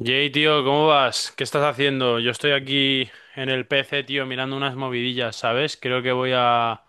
Jay, tío, ¿cómo vas? ¿Qué estás haciendo? Yo estoy aquí en el PC, tío, mirando unas movidillas, ¿sabes? Creo que voy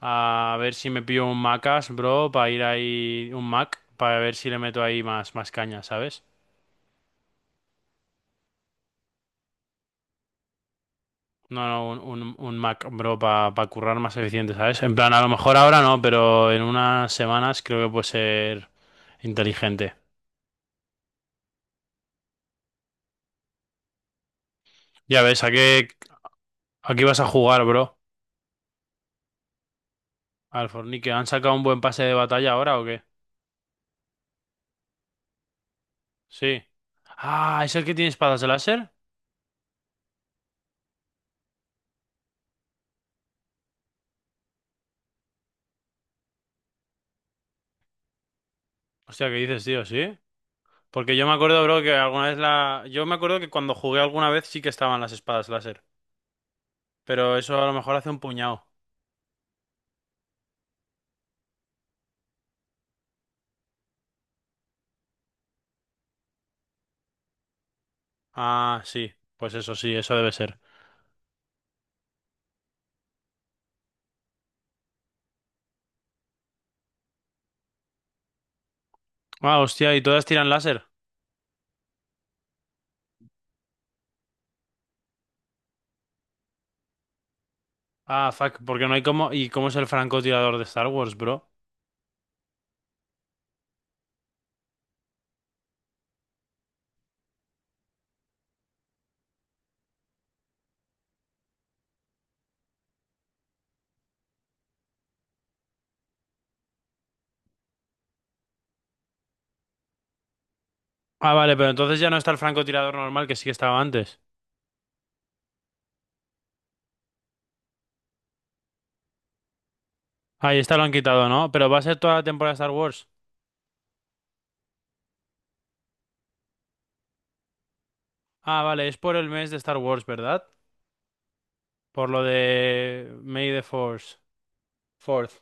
a ver si me pillo un Macas, bro, para ir ahí, un Mac, para ver si le meto ahí más, más caña, ¿sabes? No, no, un Mac, bro, para currar más eficiente, ¿sabes? En plan, a lo mejor ahora no, pero en unas semanas creo que puede ser inteligente. Ya ves, ¿a qué vas a jugar, bro? Al Fornique, ¿han sacado un buen pase de batalla ahora o qué? Sí. Ah, ¿es el que tiene espadas de láser? Hostia, ¿qué dices, tío? ¿Sí? Porque yo me acuerdo, bro, que alguna vez la... Yo me acuerdo que cuando jugué alguna vez sí que estaban las espadas láser. Pero eso a lo mejor hace un puñado. Ah, sí. Pues eso sí, eso debe ser. Ah, hostia, ¿y todas tiran láser? Ah, fuck, porque no hay como... ¿Y cómo es el francotirador de Star Wars, bro? Ah, vale, pero entonces ya no está el francotirador normal que sí que estaba antes. Ah, y esta lo han quitado, ¿no? Pero va a ser toda la temporada de Star Wars. Ah, vale, es por el mes de Star Wars, ¿verdad? Por lo de May the Force. Fourth.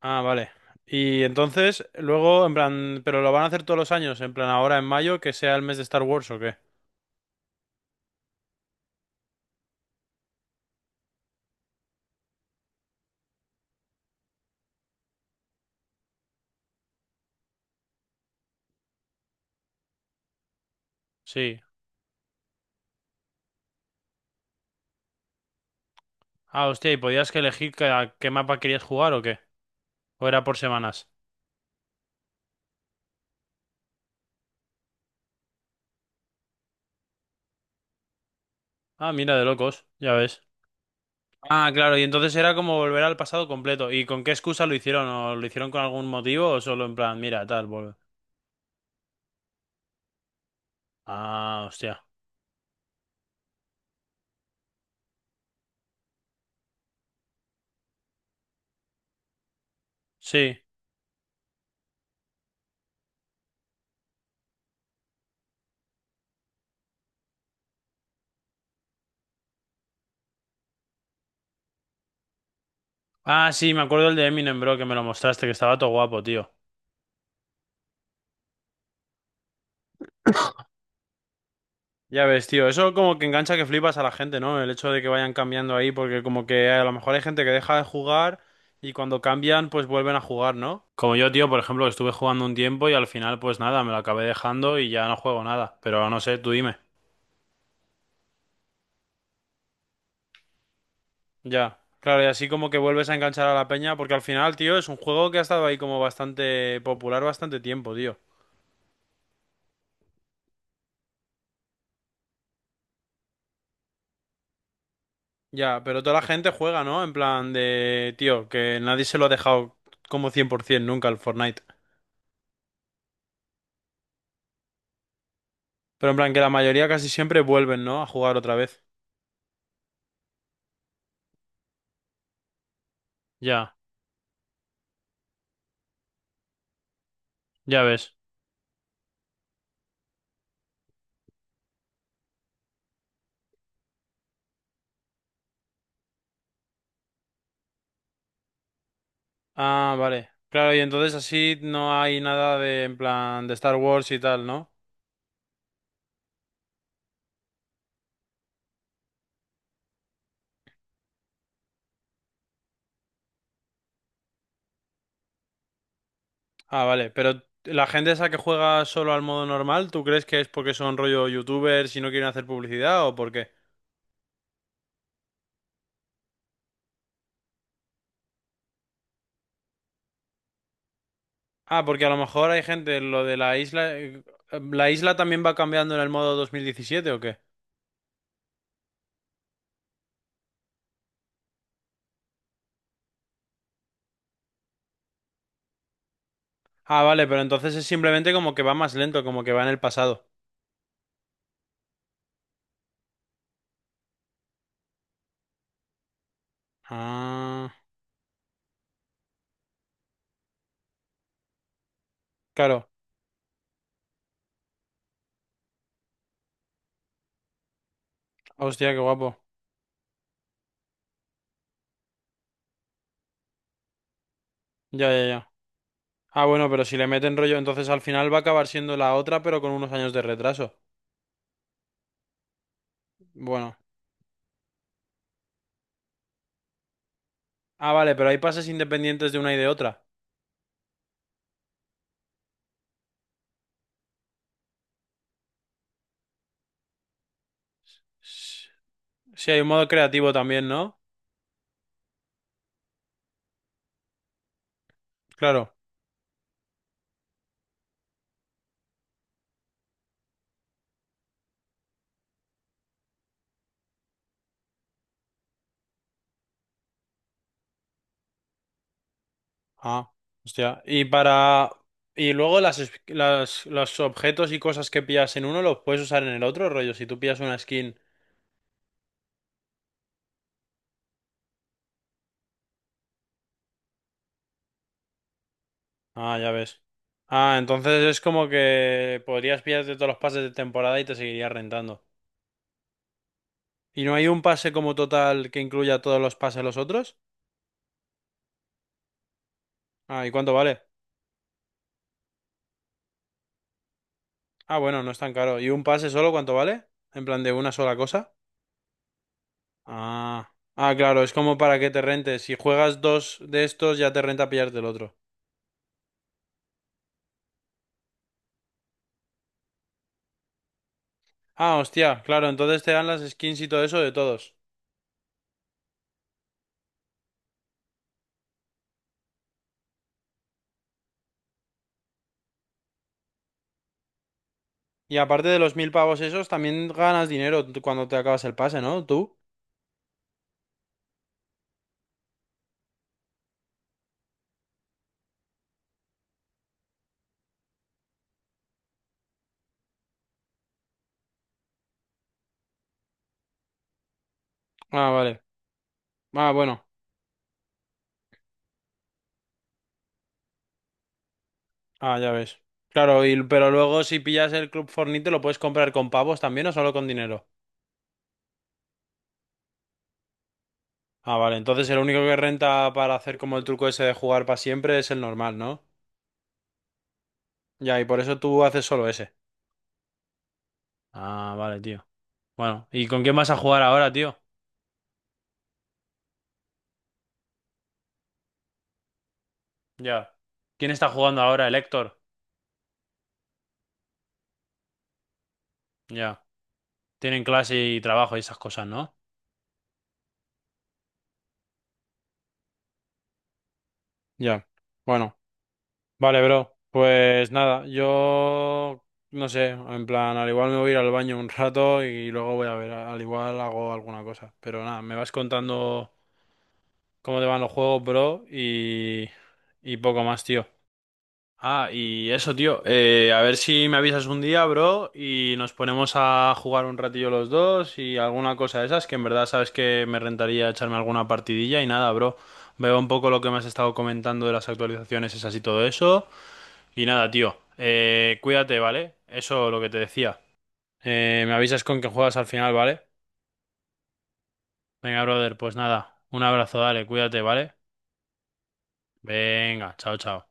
Ah, vale. Y entonces, luego, en plan, ¿pero lo van a hacer todos los años? En plan, ahora en mayo, ¿que sea el mes de Star Wars o qué? Sí. Ah, hostia, ¿y podías que elegir que- a qué mapa querías jugar o qué? ¿O era por semanas? Ah, mira, de locos, ya ves. Ah, claro, y entonces era como volver al pasado completo. ¿Y con qué excusa lo hicieron? ¿O lo hicieron con algún motivo o solo en plan, mira, tal, vol- Ah, hostia. Sí. Ah, sí, me acuerdo el de Eminem, bro, que me lo mostraste, que estaba todo guapo, tío. Ya ves, tío, eso como que engancha que flipas a la gente, ¿no? El hecho de que vayan cambiando ahí, porque como que a lo mejor hay gente que deja de jugar y cuando cambian, pues vuelven a jugar, ¿no? Como yo, tío, por ejemplo, que estuve jugando un tiempo y al final, pues nada, me lo acabé dejando y ya no juego nada. Pero no sé, tú dime. Ya, claro, y así como que vuelves a enganchar a la peña, porque al final, tío, es un juego que ha estado ahí como bastante popular bastante tiempo, tío. Ya, pero toda la gente juega, ¿no? En plan de, tío, que nadie se lo ha dejado como 100% nunca al Fortnite. Pero en plan que la mayoría casi siempre vuelven, ¿no? A jugar otra vez. Ya, ya ves. Ah, vale. Claro, y entonces así no hay nada de, en plan, de Star Wars y tal, ¿no? Ah, vale. Pero la gente esa que juega solo al modo normal, ¿tú crees que es porque son rollo youtubers y no quieren hacer publicidad o por qué? Ah, porque a lo mejor hay gente, lo de la isla... ¿La isla también va cambiando en el modo 2017 o qué? Ah, vale, pero entonces es simplemente como que va más lento, como que va en el pasado. Ah, claro. Hostia, qué guapo. Ya, ya, ya. Ah, bueno, pero si le meten rollo, entonces al final va a acabar siendo la otra, pero con unos años de retraso. Bueno. Ah, vale, pero hay pases independientes de una y de otra. S- Sí, hay un modo creativo también, ¿no? Claro. Ah, hostia. Y para... Y luego los objetos y cosas que pillas en uno los puedes usar en el otro, rollo, si tú pillas una skin. Ah, ya ves. Ah, entonces es como que podrías pillarte todos los pases de temporada y te seguirías rentando. ¿Y no hay un pase como total que incluya todos los pases de los otros? Ah, ¿y cuánto vale? Ah, bueno, no es tan caro. ¿Y un pase solo cuánto vale? En plan de una sola cosa. Ah. Ah, claro, es como para que te rentes. Si juegas dos de estos, ya te renta pillarte el otro. Ah, hostia, claro, entonces te dan las skins y todo eso de todos. Y aparte de los mil pavos esos, también ganas dinero tú cuando te acabas el pase, ¿no? ¿Tú? Ah, vale. Ah, bueno. Ah, ya ves. Claro, y, pero luego si pillas el Club Fortnite, ¿lo puedes comprar con pavos también o solo con dinero? Ah, vale, entonces el único que renta para hacer como el truco ese de jugar para siempre es el normal, ¿no? Ya, y por eso tú haces solo ese. Ah, vale, tío. Bueno, ¿y con quién vas a jugar ahora, tío? Ya. ¿Quién está jugando ahora, el Héctor? Ya. Tienen clase y trabajo y esas cosas, ¿no? Ya. Bueno, vale, bro. Pues nada, yo no sé, en plan, al igual me voy a ir al baño un rato y luego voy a ver, al igual hago alguna cosa. Pero nada, me vas contando cómo te van los juegos, bro, y poco más, tío. Ah, y eso, tío. A ver si me avisas un día, bro, y nos ponemos a jugar un ratillo los dos y alguna cosa de esas, que en verdad sabes que me rentaría echarme alguna partidilla y nada, bro. Veo un poco lo que me has estado comentando de las actualizaciones esas y todo eso. Y nada, tío. Cuídate, ¿vale? Eso lo que te decía. Me avisas con que juegas al final, ¿vale? Venga, brother, pues nada. Un abrazo, dale, cuídate, ¿vale? Venga, chao, chao.